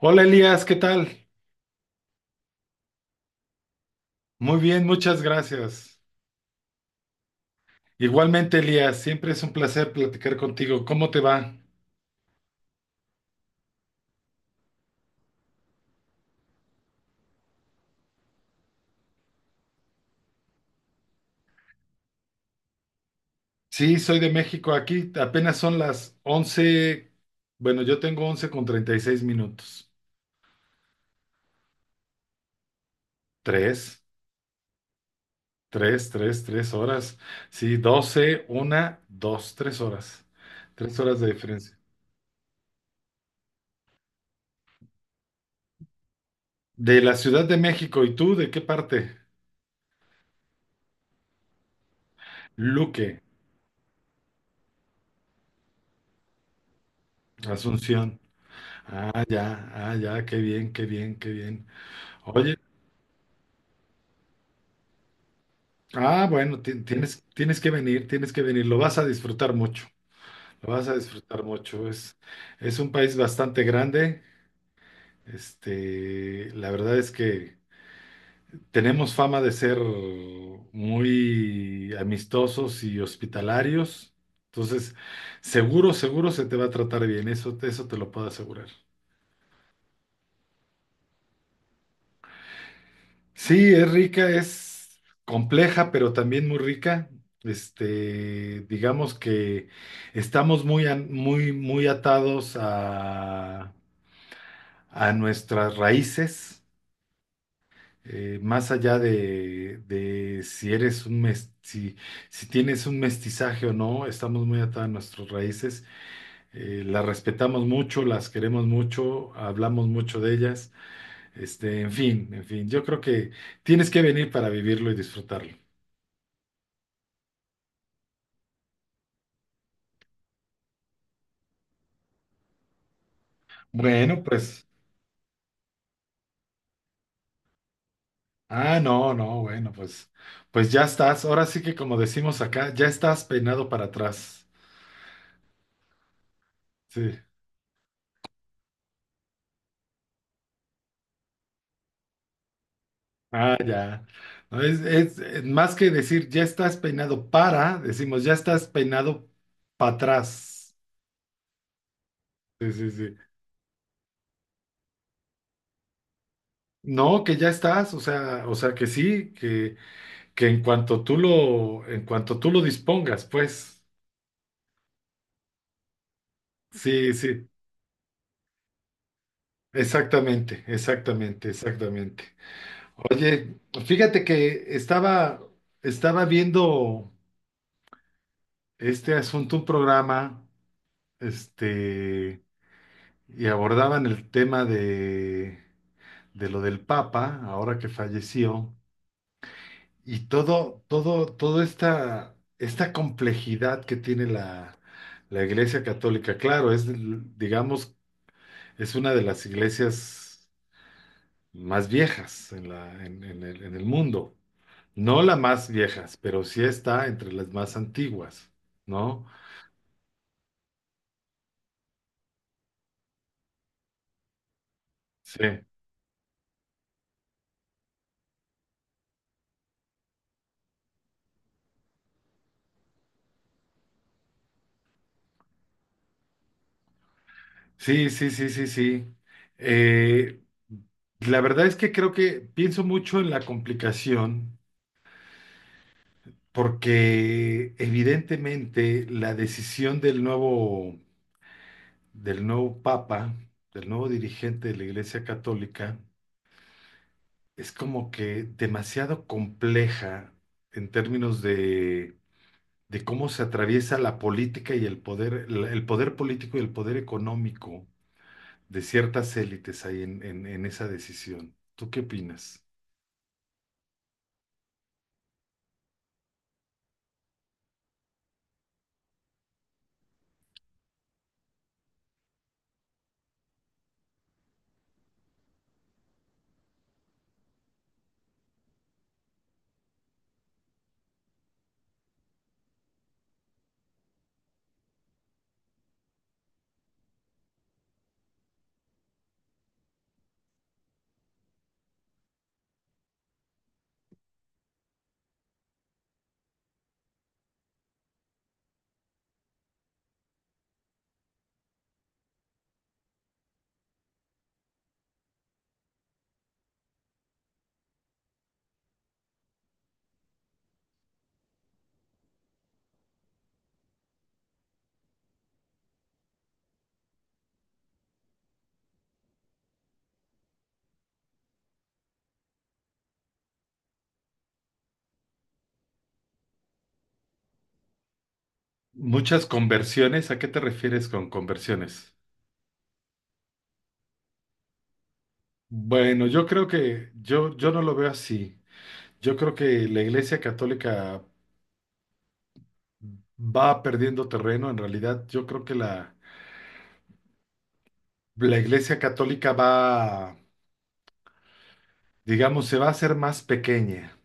Hola Elías, ¿qué tal? Muy bien, muchas gracias. Igualmente Elías, siempre es un placer platicar contigo. ¿Cómo te va? Sí, soy de México. Aquí apenas son las 11. Bueno, yo tengo 11 con 36 minutos. Tres, tres, tres, tres horas. Sí, 12, una, dos, tres horas. Tres horas de diferencia. De la Ciudad de México, ¿y tú de qué parte? Luque, Asunción. Ah, ya, ah, ya, qué bien, qué bien, qué bien. Oye, ah, bueno, tienes, tienes que venir, lo vas a disfrutar mucho, lo vas a disfrutar mucho. Es un país bastante grande, la verdad es que tenemos fama de ser muy amistosos y hospitalarios, entonces seguro, seguro se te va a tratar bien, eso te lo puedo asegurar. Sí, es rica, es compleja, pero también muy rica. Digamos que estamos muy, muy, muy atados a nuestras raíces, más allá de si eres si, si tienes un mestizaje o no, estamos muy atados a nuestras raíces, las respetamos mucho, las queremos mucho, hablamos mucho de ellas, en fin, yo creo que tienes que venir para vivirlo y disfrutarlo. Bueno, pues, ah, no, no, bueno, pues, pues ya estás. Ahora sí que como decimos acá, ya estás peinado para atrás. Sí. Ah, ya. No, es más que decir ya estás peinado para, decimos ya estás peinado para atrás. Sí, sí, sí. No, que ya estás, o sea que sí, que, en cuanto tú lo dispongas, pues. Sí, sí. Exactamente, exactamente, exactamente. Oye, fíjate que estaba viendo este asunto, un programa, este, y abordaban el tema de lo del Papa, ahora que falleció, y toda esta complejidad que tiene la Iglesia Católica. Claro, es, digamos, es una de las iglesias más viejas en la, en el mundo. No las más viejas, pero sí está entre las más antiguas, ¿no? Sí, sí. Eh, la verdad es que creo que pienso mucho en la complicación porque evidentemente la decisión del nuevo papa, del nuevo dirigente de la Iglesia Católica, es como que demasiado compleja en términos de cómo se atraviesa la política y el poder, el poder político y el poder económico de ciertas élites ahí en esa decisión. ¿Tú qué opinas? Muchas conversiones, ¿a qué te refieres con conversiones? Bueno, yo creo que yo no lo veo así. Yo creo que la Iglesia Católica va perdiendo terreno. En realidad, yo creo que la Iglesia Católica va, digamos, se va a hacer más pequeña.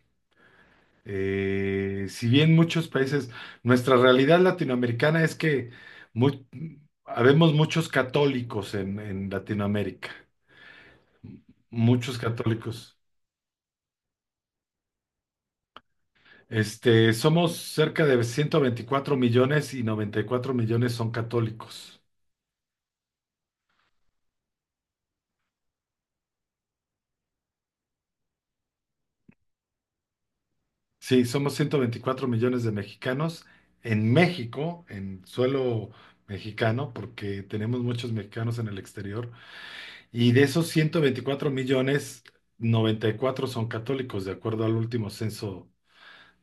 Si bien muchos países, nuestra realidad latinoamericana es que mu- habemos muchos católicos en Latinoamérica, muchos católicos. Este, somos cerca de 124 millones y 94 millones son católicos. Sí, somos 124 millones de mexicanos en México, en suelo mexicano, porque tenemos muchos mexicanos en el exterior. Y de esos 124 millones, 94 son católicos, de acuerdo al último censo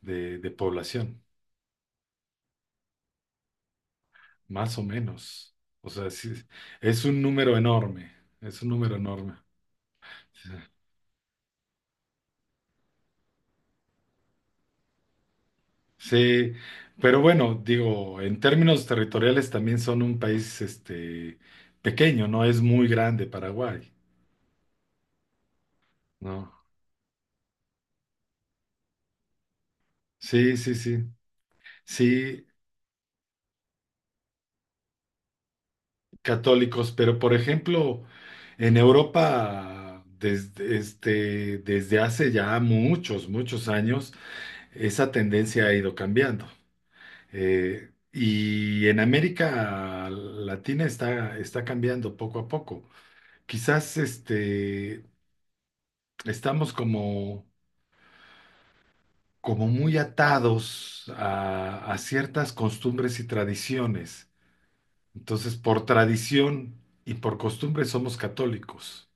de población, más o menos. O sea, sí, es un número enorme, es un número enorme. Sí, pero bueno, digo, en términos territoriales también son un país este, pequeño, no es muy grande Paraguay, ¿no? Sí, sí, sí. Sí, católicos, pero por ejemplo, en Europa, desde, este, desde hace ya muchos, muchos años, esa tendencia ha ido cambiando. Y en América Latina está, está cambiando poco a poco. Quizás este, estamos como, como muy atados a ciertas costumbres y tradiciones. Entonces, por tradición y por costumbre somos católicos.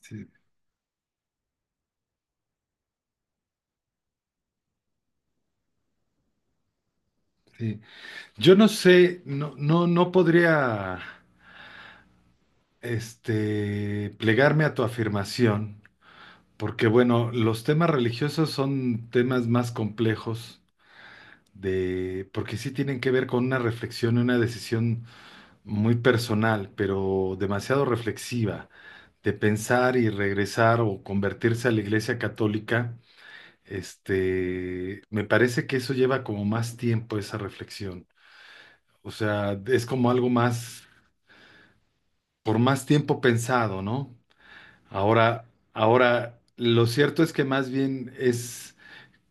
Sí, sí. Yo no sé, no podría, este, plegarme a tu afirmación, porque bueno, los temas religiosos son temas más complejos de, porque sí tienen que ver con una reflexión y una decisión muy personal, pero demasiado reflexiva, de pensar y regresar o convertirse a la Iglesia Católica. Este, me parece que eso lleva como más tiempo esa reflexión. O sea, es como algo más por más tiempo pensado, ¿no? Ahora, ahora, lo cierto es que más bien es,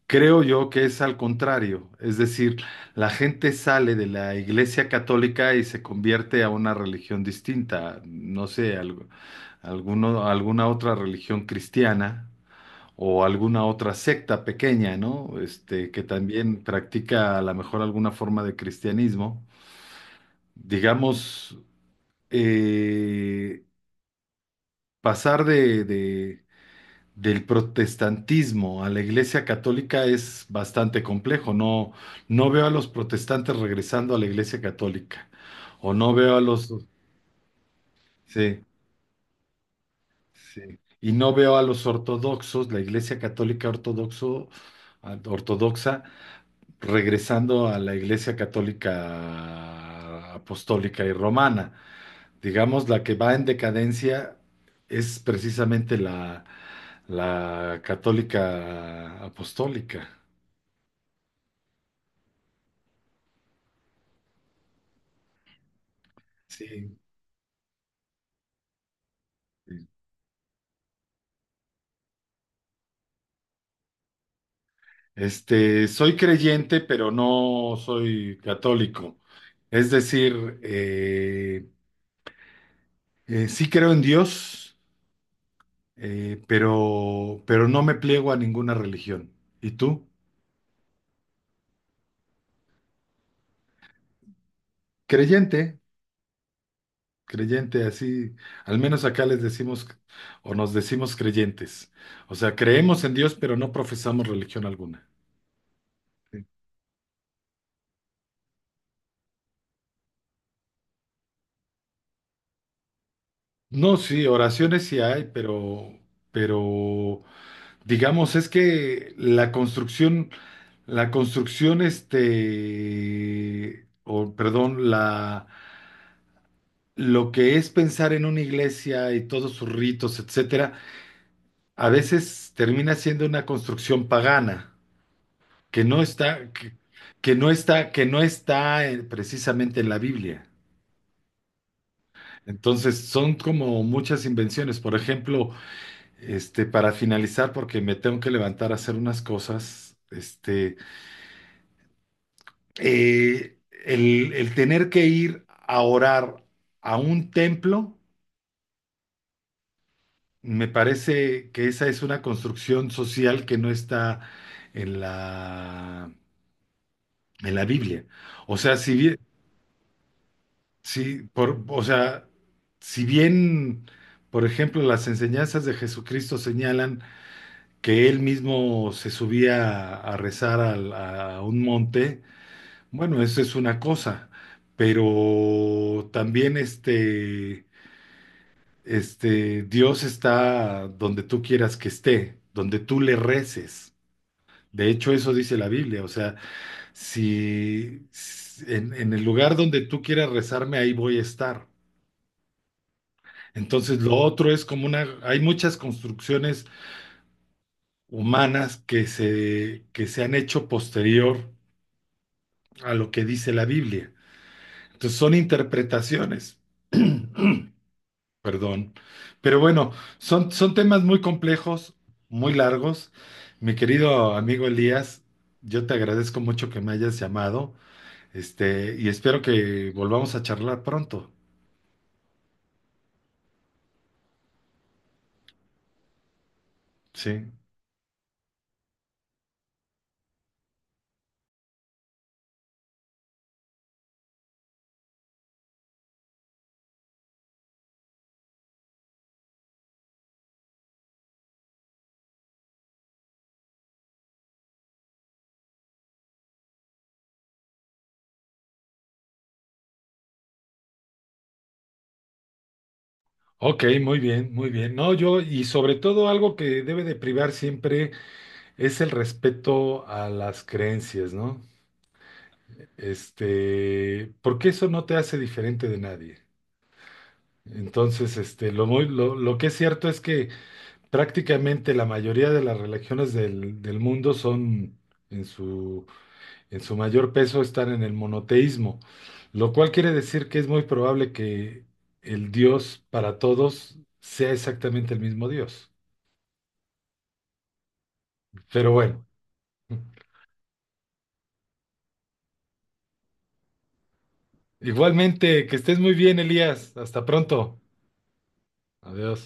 creo yo que es al contrario, es decir, la gente sale de la Iglesia Católica y se convierte a una religión distinta, no sé, alguna otra religión cristiana o alguna otra secta pequeña, ¿no? Este, que también practica a lo mejor alguna forma de cristianismo. Digamos, eh, pasar del protestantismo a la Iglesia Católica es bastante complejo. No, no veo a los protestantes regresando a la Iglesia Católica. O no veo a los... Sí, sí. Y no veo a los ortodoxos, la Iglesia Católica ortodoxo, ortodoxa, regresando a la Iglesia Católica apostólica y romana. Digamos, la que va en decadencia es precisamente la católica apostólica. Sí. Sí. Este, soy creyente, pero no soy católico. Es decir, sí creo en Dios, pero no me pliego a ninguna religión. ¿Y tú? Creyente, creyente, así, al menos acá les decimos o nos decimos creyentes. O sea, creemos en Dios, pero no profesamos religión alguna. Sí. No, sí, oraciones sí hay, pero digamos, es que la construcción, este, o perdón, la, lo que es pensar en una iglesia y todos sus ritos, etcétera, a veces termina siendo una construcción pagana que no está, que, que no está precisamente en la Biblia. Entonces, son como muchas invenciones. Por ejemplo, este, para finalizar, porque me tengo que levantar a hacer unas cosas, este. Eh, el tener que ir a orar a un templo, me parece que esa es una construcción social que no está en en la Biblia. O sea, si bien, o sea, si bien, por ejemplo, las enseñanzas de Jesucristo señalan que él mismo se subía a rezar un monte, bueno, eso es una cosa, pero también este este, Dios está donde tú quieras que esté, donde tú le reces. De hecho, eso dice la Biblia. O sea, en el lugar donde tú quieras rezarme, ahí voy a estar. Entonces, lo otro es como una, hay muchas construcciones humanas que que se han hecho posterior a lo que dice la Biblia. Entonces, son interpretaciones. Perdón. Pero bueno, son, son temas muy complejos, muy largos. Mi querido amigo Elías, yo te agradezco mucho que me hayas llamado, este, y espero que volvamos a charlar pronto. Sí. Ok, muy bien, muy bien. No, yo, y sobre todo algo que debe de privar siempre es el respeto a las creencias, ¿no? Este, porque eso no te hace diferente de nadie. Entonces, este, lo que es cierto es que prácticamente la mayoría de las religiones del mundo son, en su, en su mayor peso, están en el monoteísmo, lo cual quiere decir que es muy probable que el Dios para todos sea exactamente el mismo Dios. Pero bueno, igualmente, que estés muy bien, Elías. Hasta pronto. Adiós.